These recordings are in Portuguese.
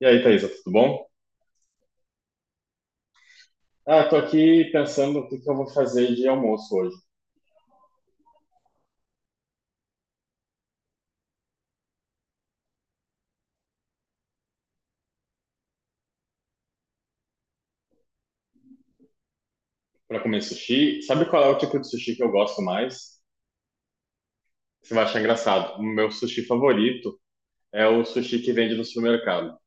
E aí, Thaisa, tudo bom? Ah, tô aqui pensando o que que eu vou fazer de almoço hoje. Pra comer sushi, sabe qual é o tipo de sushi que eu gosto mais? Você vai achar engraçado. O meu sushi favorito é o sushi que vende no supermercado.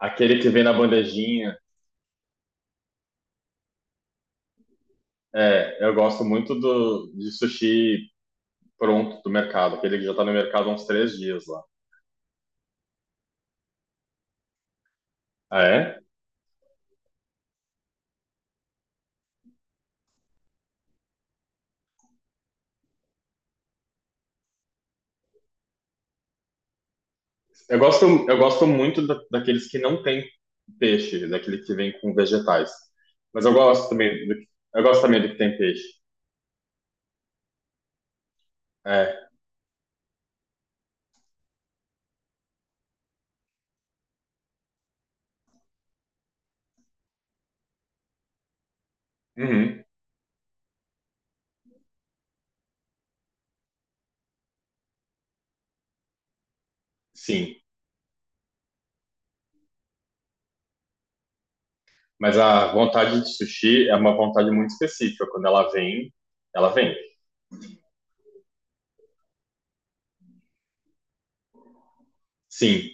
Aquele que vem na bandejinha. É, eu gosto muito de sushi pronto do mercado, aquele que já tá no mercado há uns três dias lá. Ah, é? Eu gosto muito daqueles que não tem peixe, daquele que vem com vegetais. Mas eu gosto também eu gosto também do que tem peixe. É, uhum, sim, mas a vontade de sushi é uma vontade muito específica. Quando ela vem, ela vem. Sim,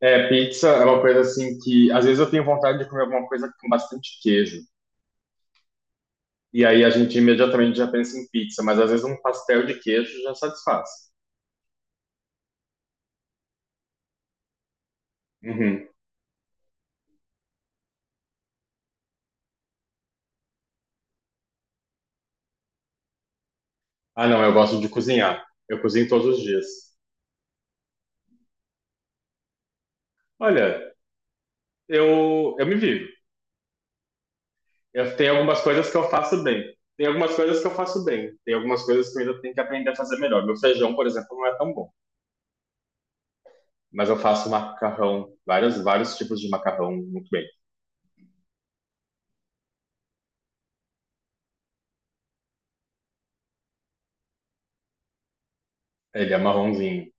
é, pizza é uma coisa assim que às vezes eu tenho vontade de comer alguma coisa com bastante queijo. E aí a gente imediatamente já pensa em pizza, mas às vezes um pastel de queijo já satisfaz. Uhum. Ah, não, eu gosto de cozinhar. Eu cozinho todos os dias. Olha, eu me vivo. Eu tenho algumas coisas que eu faço bem. Tem algumas coisas que eu faço bem. Tem algumas coisas que eu ainda tenho que aprender a fazer melhor. Meu feijão, por exemplo, não é tão bom. Mas eu faço macarrão, vários, vários tipos de macarrão muito bem. Ele é marronzinho.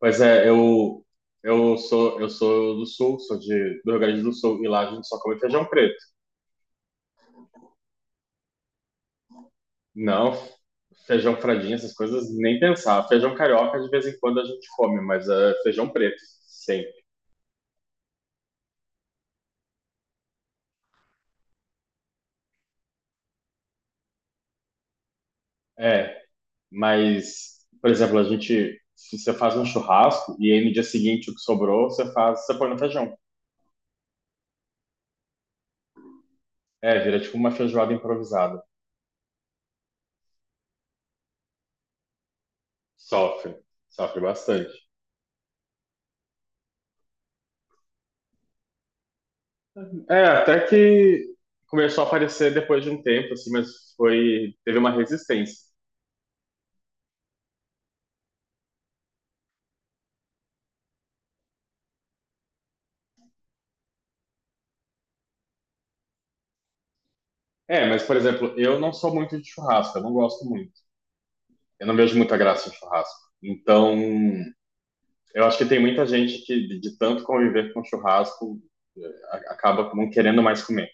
Pois é, eu sou do Sul, sou do Rio Grande do Sul, e lá a gente só come feijão preto. Não, feijão fradinho, essas coisas, nem pensar. Feijão carioca, de vez em quando a gente come, mas é feijão preto, sempre. É, mas, por exemplo, a gente, se você faz um churrasco, e aí no dia seguinte o que sobrou, você faz, você põe no feijão. É, vira tipo uma feijoada improvisada. Sofre, sofre bastante. É, até que começou a aparecer depois de um tempo, assim, mas foi, teve uma resistência. É, mas, por exemplo, eu não sou muito de churrasco, eu não gosto muito. Eu não vejo muita graça em churrasco. Então, eu acho que tem muita gente que, de tanto conviver com churrasco, acaba não querendo mais comer.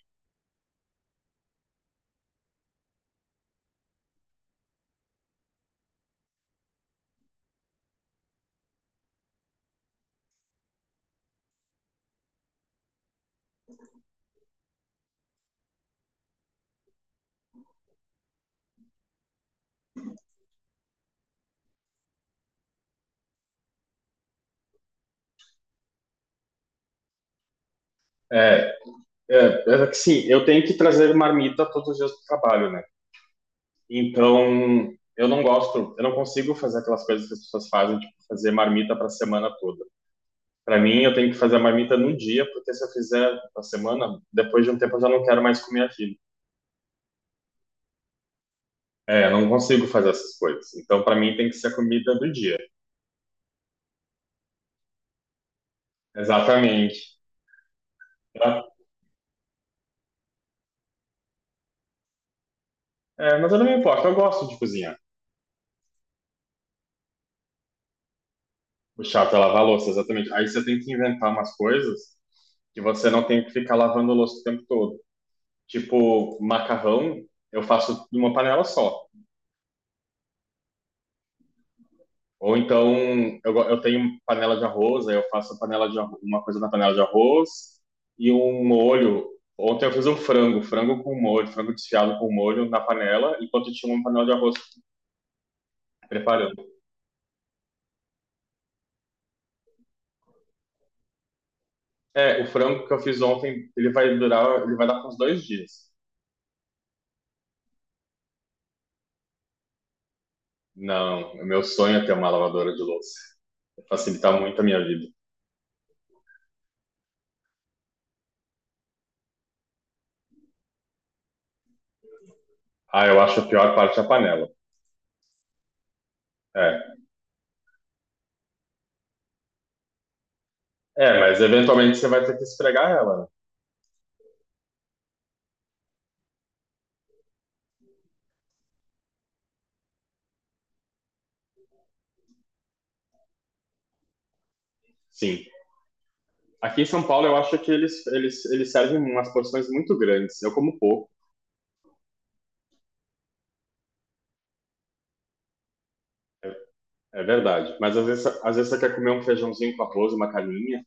É, é, é que sim, eu tenho que trazer marmita todos os dias do trabalho, né? Então, eu não gosto, eu não consigo fazer aquelas coisas que as pessoas fazem, tipo, fazer marmita para a semana toda. Para mim, eu tenho que fazer a marmita no dia, porque se eu fizer na semana, depois de um tempo eu já não quero mais comer aquilo. É, eu não consigo fazer essas coisas. Então, para mim, tem que ser a comida do dia. Exatamente. Tá? É, mas eu não me importo, eu gosto de cozinhar. O chato é lavar a louça, exatamente. Aí você tem que inventar umas coisas que você não tem que ficar lavando a louça o tempo todo. Tipo, macarrão, eu faço numa panela só. Ou então, eu tenho panela de arroz, aí eu faço uma coisa na panela de arroz e um molho. Ontem eu fiz um frango, frango com molho, frango desfiado com molho na panela, enquanto tinha uma panela de arroz preparando. É, o frango que eu fiz ontem, ele vai durar, ele vai dar uns dois dias. Não, o meu sonho é ter uma lavadora de louça. Facilita muito a minha vida. Ah, eu acho a pior parte a panela. É, é, mas eventualmente você vai ter que esfregar ela, né? Sim. Aqui em São Paulo, eu acho que eles servem umas porções muito grandes. Eu como pouco, é verdade. Mas às vezes você quer comer um feijãozinho com arroz, uma carninha,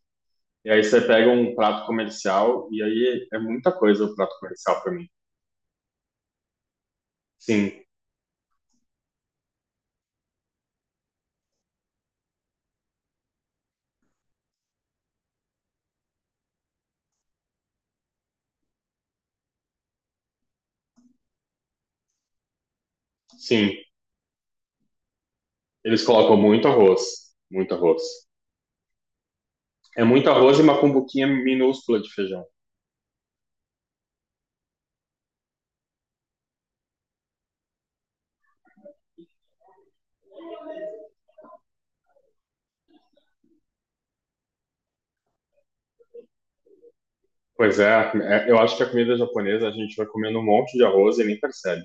e aí você pega um prato comercial, e aí é muita coisa o prato comercial para mim. Sim, sim. Eles colocam muito arroz, muito arroz. É muito arroz e uma cumbuquinha minúscula de feijão. Pois é, é, eu acho que a comida japonesa a gente vai comendo um monte de arroz e nem percebe.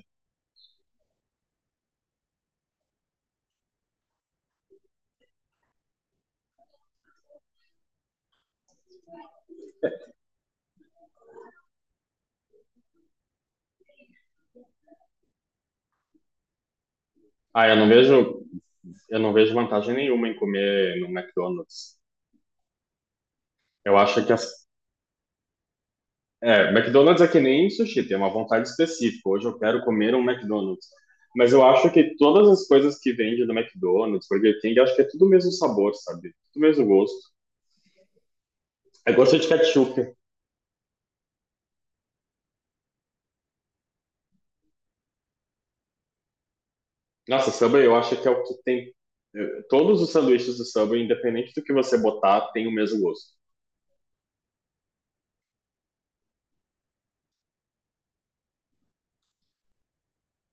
Ah, eu não vejo vantagem nenhuma em comer no McDonald's. Eu acho que as é, McDonald's é que nem sushi, tem uma vontade específica. Hoje eu quero comer um McDonald's. Mas eu acho que todas as coisas que vende do McDonald's, Burger King, eu acho que é tudo o mesmo sabor, sabe? Tudo o mesmo gosto. Eu gosto de ketchup. Nossa, Subway eu acho que é o que tem. Todos os sanduíches do Subway, independente do que você botar, tem o mesmo gosto.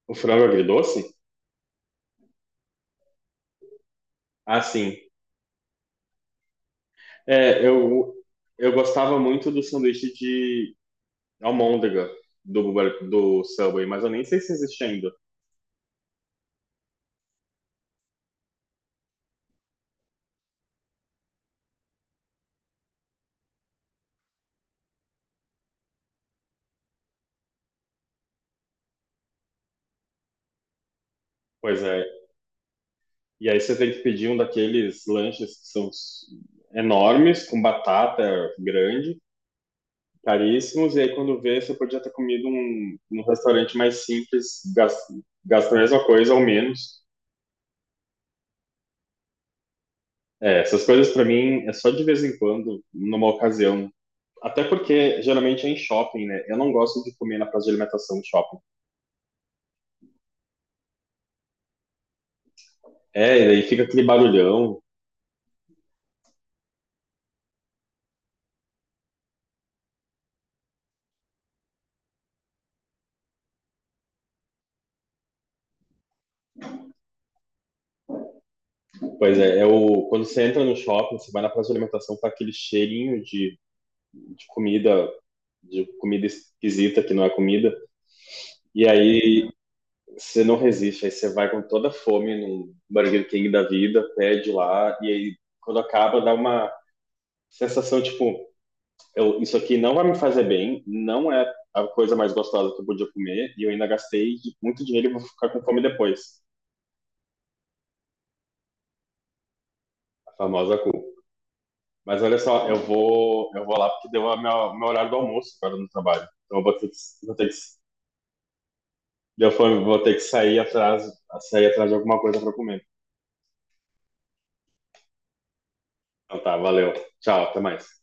O frango agridoce? Ah, sim. É, eu gostava muito do sanduíche de almôndega do Subway, mas eu nem sei se existe ainda. Pois é, e aí você tem que pedir um daqueles lanches que enormes, com batata grande, caríssimos. E aí quando vê, você podia ter comido um, num restaurante mais simples, gastando a mesma coisa ou menos. É, essas coisas para mim é só de vez em quando, numa ocasião. Até porque geralmente é em shopping, né? Eu não gosto de comer na praça de alimentação de shopping. É, e daí fica aquele barulhão. Pois é, quando você entra no shopping, você vai na praça de alimentação, tá aquele cheirinho de comida de comida esquisita que não é comida. E aí você não resiste, aí você vai com toda a fome num Burger King da vida, pede lá, e aí quando acaba dá uma sensação tipo, isso aqui não vai me fazer bem, não é a coisa mais gostosa que eu podia comer, e eu ainda gastei muito dinheiro e vou ficar com fome depois. A famosa cu. Mas olha só, eu vou lá porque deu o meu horário do almoço agora no trabalho. Então eu vou ter que deu fome, vou ter que sair atrás de alguma coisa para comer. Então tá, valeu. Tchau, até mais.